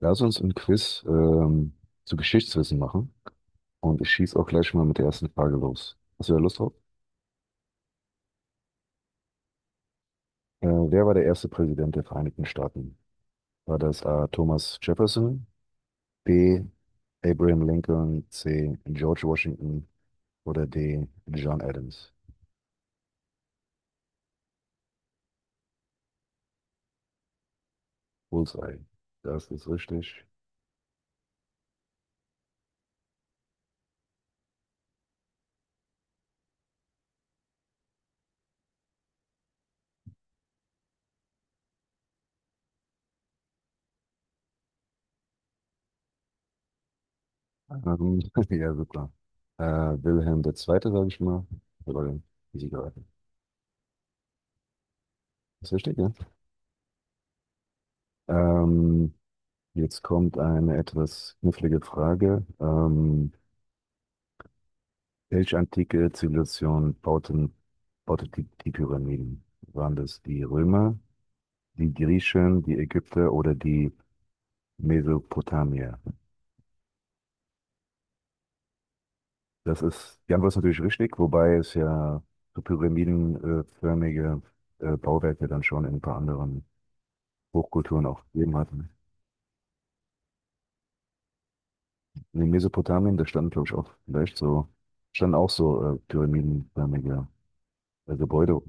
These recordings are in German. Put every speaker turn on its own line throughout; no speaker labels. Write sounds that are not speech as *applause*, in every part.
Lass uns ein Quiz zu Geschichtswissen machen. Und ich schieße auch gleich mal mit der ersten Frage los. Hast du da Lust drauf? Wer war der erste Präsident der Vereinigten Staaten? War das A. Thomas Jefferson, B. Abraham Lincoln, C. George Washington oder D. John Adams? Bullseye. Das ist richtig. Ähm, *laughs* ja, super. Äh, Wilhelm der Zweite, sage ich mal. Oder Sieger. Ist richtig, ja? Ähm, Jetzt kommt eine etwas knifflige Frage. Welche antike Zivilisation baute die Pyramiden? Waren das die Römer, die Griechen, die Ägypter oder die Mesopotamier? Das ist, die Antwort ist natürlich richtig, wobei es ja so pyramidenförmige Bauwerke dann schon in ein paar anderen Hochkulturen auch gegeben hatten. In Mesopotamien, da standen, glaube ich, auch vielleicht so, standen auch so pyramidenförmige Gebäude.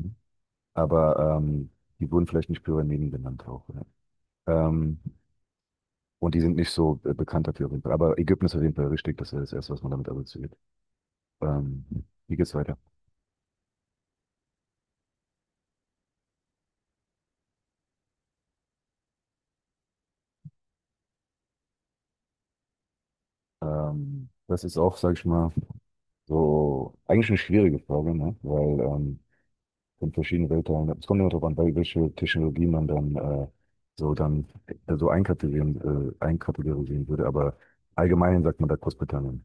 Aber die wurden vielleicht nicht Pyramiden genannt auch. Ja. Und die sind nicht so bekannt dafür auf jeden Fall. Aber Ägypten ist auf jeden Fall richtig, das ist das Erste, was man damit assoziiert. Ähm, wie geht's weiter? Das ist auch, sag ich mal, so eigentlich eine schwierige Frage, ne? Weil von verschiedenen Weltteilen, es kommt immer darauf an, welche Technologie man dann so dann so einkategorisieren, einkategorisieren würde, aber allgemein sagt man da Großbritannien.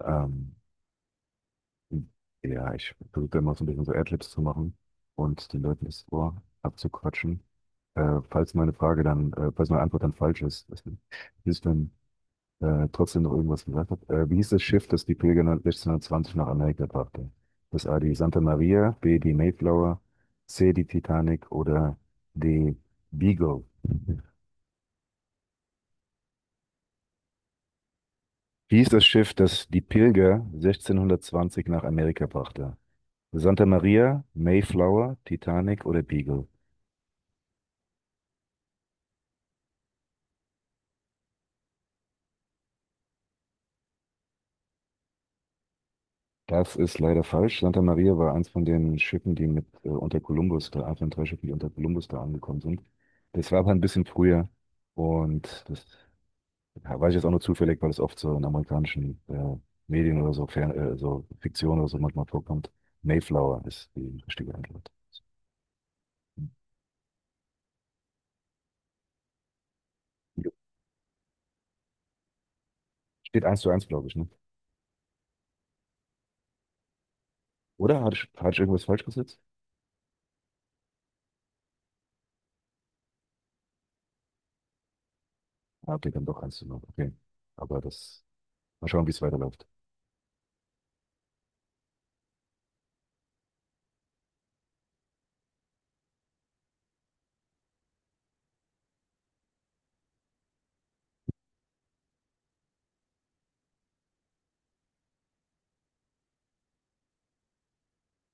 Ähm, Ja, ich versuche da immer so ein bisschen so Adlibs zu machen und den Leuten das Ohr abzuquatschen. Falls meine Antwort dann falsch ist, dass ich dann trotzdem noch irgendwas gesagt hat. Wie hieß das Schiff, das die Pilger 1620 nach Amerika brachte? Das A, die Santa Maria, B, die Mayflower, C, die Titanic oder D, Beagle. Wie hieß das Schiff, das die Pilger 1620 nach Amerika brachte? Santa Maria, Mayflower, Titanic oder Beagle? Das ist leider falsch. Santa Maria war eins von den Schiffen, die mit unter Kolumbus da, eins von drei Schiffen, die unter Kolumbus da angekommen sind. Das war aber ein bisschen früher, und das, ja, weiß ich jetzt auch nur zufällig, weil es oft so in amerikanischen Medien oder so, Fern so Fiktion oder so manchmal vorkommt. Mayflower ist die richtige Antwort. Jo. Steht eins zu eins, glaube ich, ne? Oder hatte ich irgendwas falsch gesetzt? Ah, okay, dann doch eins zu null. Okay, aber das, mal schauen, wie es weiterläuft.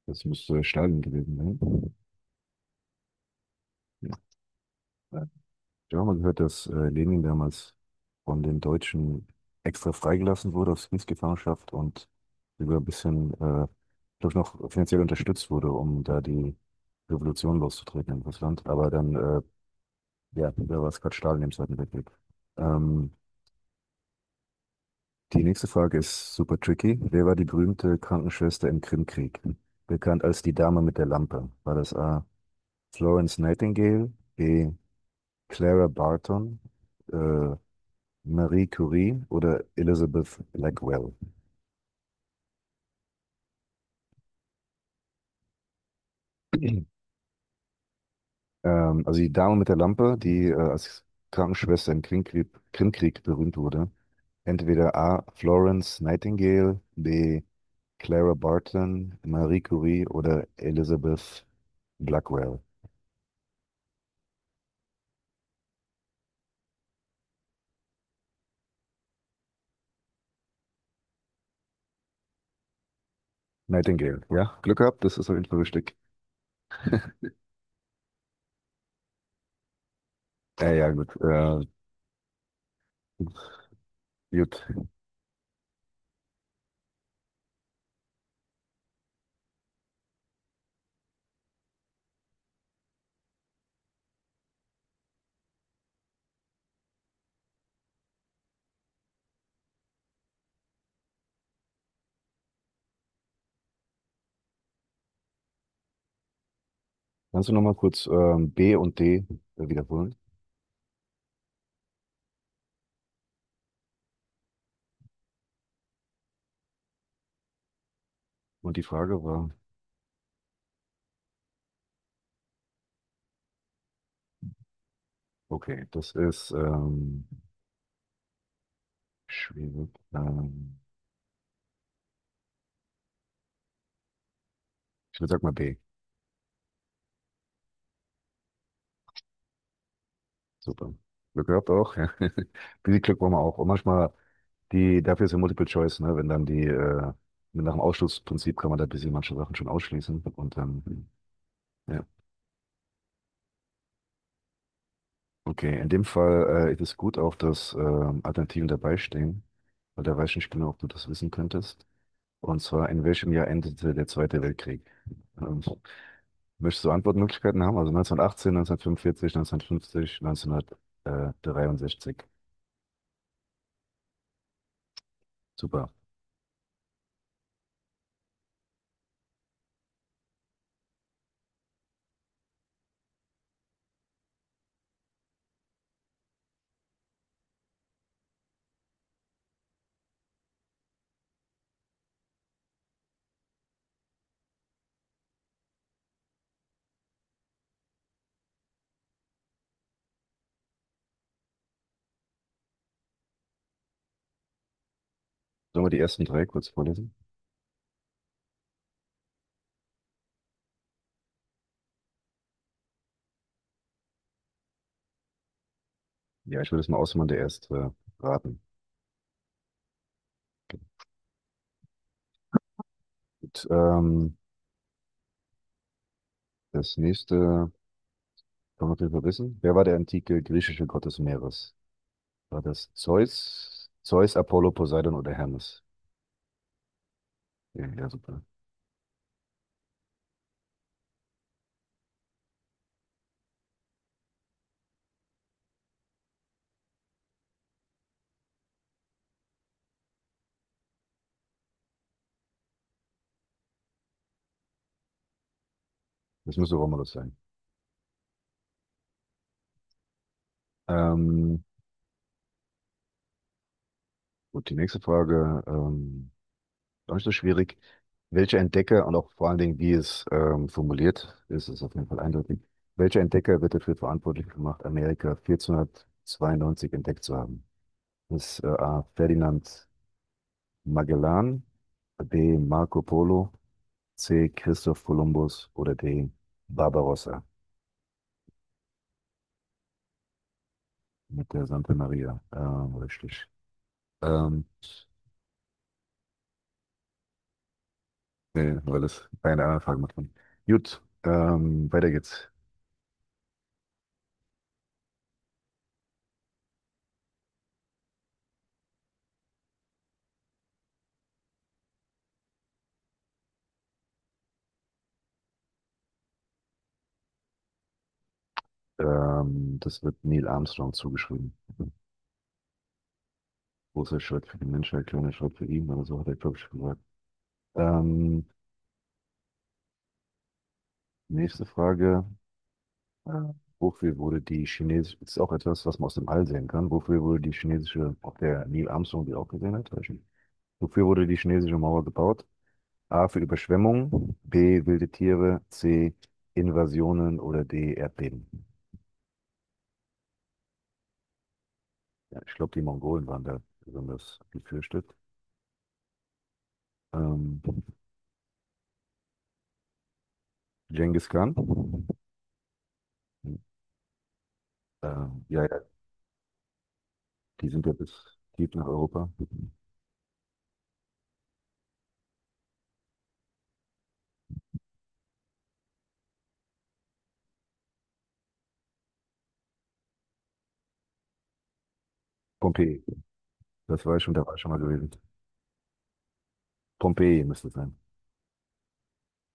Das müsste Stalin gewesen sein. Ja. Ich habe mal gehört, dass Lenin damals von den Deutschen extra freigelassen wurde aus Kriegsgefangenschaft und sogar ein bisschen, glaube ich, noch finanziell unterstützt wurde, um da die Revolution loszutreten in Russland. Aber dann, ja, da war es gerade Stalin im Zweiten Weltkrieg. Ähm, die nächste Frage ist super tricky. Wer war die berühmte Krankenschwester im Krimkrieg? Bekannt als die Dame mit der Lampe. War das A. Florence Nightingale, B. Clara Barton, äh, Marie Curie oder Elizabeth Blackwell. Also die Dame mit der Lampe, die als Krankenschwester im Krimkrieg berühmt wurde. Entweder A. Florence Nightingale, B. Clara Barton, Marie Curie oder Elizabeth Blackwell. Nightingale, ja? Glück gehabt, das ist auf jeden Fall richtig. Ja, gut. Gut. Kannst du nochmal kurz B und D wiederholen? Und die Frage war, okay, das ist schwierig. Ich würde sagen mal B. Super. Glück gehabt auch. Ja. *laughs* Ein bisschen Glück brauchen wir auch. Und manchmal die, dafür ist ja Multiple Choice, ne? Wenn dann die, mit nach dem Ausschlussprinzip kann man da ein bisschen manche Sachen schon ausschließen. Und dann, hm, ja. Okay, in dem Fall ist es gut auch, dass Alternativen dabei stehen, weil da weiß ich nicht genau, ob du das wissen könntest. Und zwar, in welchem Jahr endete der Zweite Weltkrieg? Ähm, möchtest du Antwortmöglichkeiten haben? Also 1918, 1945, 1950, 1963. Super. Sollen wir die ersten drei kurz vorlesen? Ja, ich würde es mal ausmachen, der erste raten. Gut, das nächste kann man auf jeden Fall wissen. Wer war der antike griechische Gott des Meeres? War das Zeus, Apollo, Poseidon oder Hermes? Ja, ja, super. Das müsste Romulus sein. Ähm, gut, die nächste Frage, gar nicht so schwierig. Welcher Entdecker und auch vor allen Dingen, wie es formuliert ist, ist auf jeden Fall eindeutig. Welcher Entdecker wird dafür verantwortlich gemacht, Amerika 1492 entdeckt zu haben? Ist A. Ferdinand Magellan, B. Marco Polo, C. Christoph Kolumbus oder D. Barbarossa mit der Santa Maria. Richtig. Ähm, nee, weil es keine anderen Fragen macht. Gut, weiter geht's. Das wird Neil Armstrong zugeschrieben. Großer Schritt für die Menschheit, kleiner Schritt für ihn, oder so hat er, glaube ich, gesagt. Ähm, nächste Frage. Ah. Wofür wurde die chinesische, ist auch etwas, was man aus dem All sehen kann, wofür wurde die chinesische, ob der Neil Armstrong die auch gesehen hat, weiß ich nicht. Wofür wurde die chinesische Mauer gebaut? A für Überschwemmung, B wilde Tiere, C Invasionen oder D Erdbeben. Ja, ich glaube, die Mongolen waren da besonders gefürchtet. Ähm, Genghis Khan, äh, ja, ja, die sind ja bis tief nach Europa. Pompeji, das war ich schon, da war ich schon mal gewesen. Pompeji müsste es sein.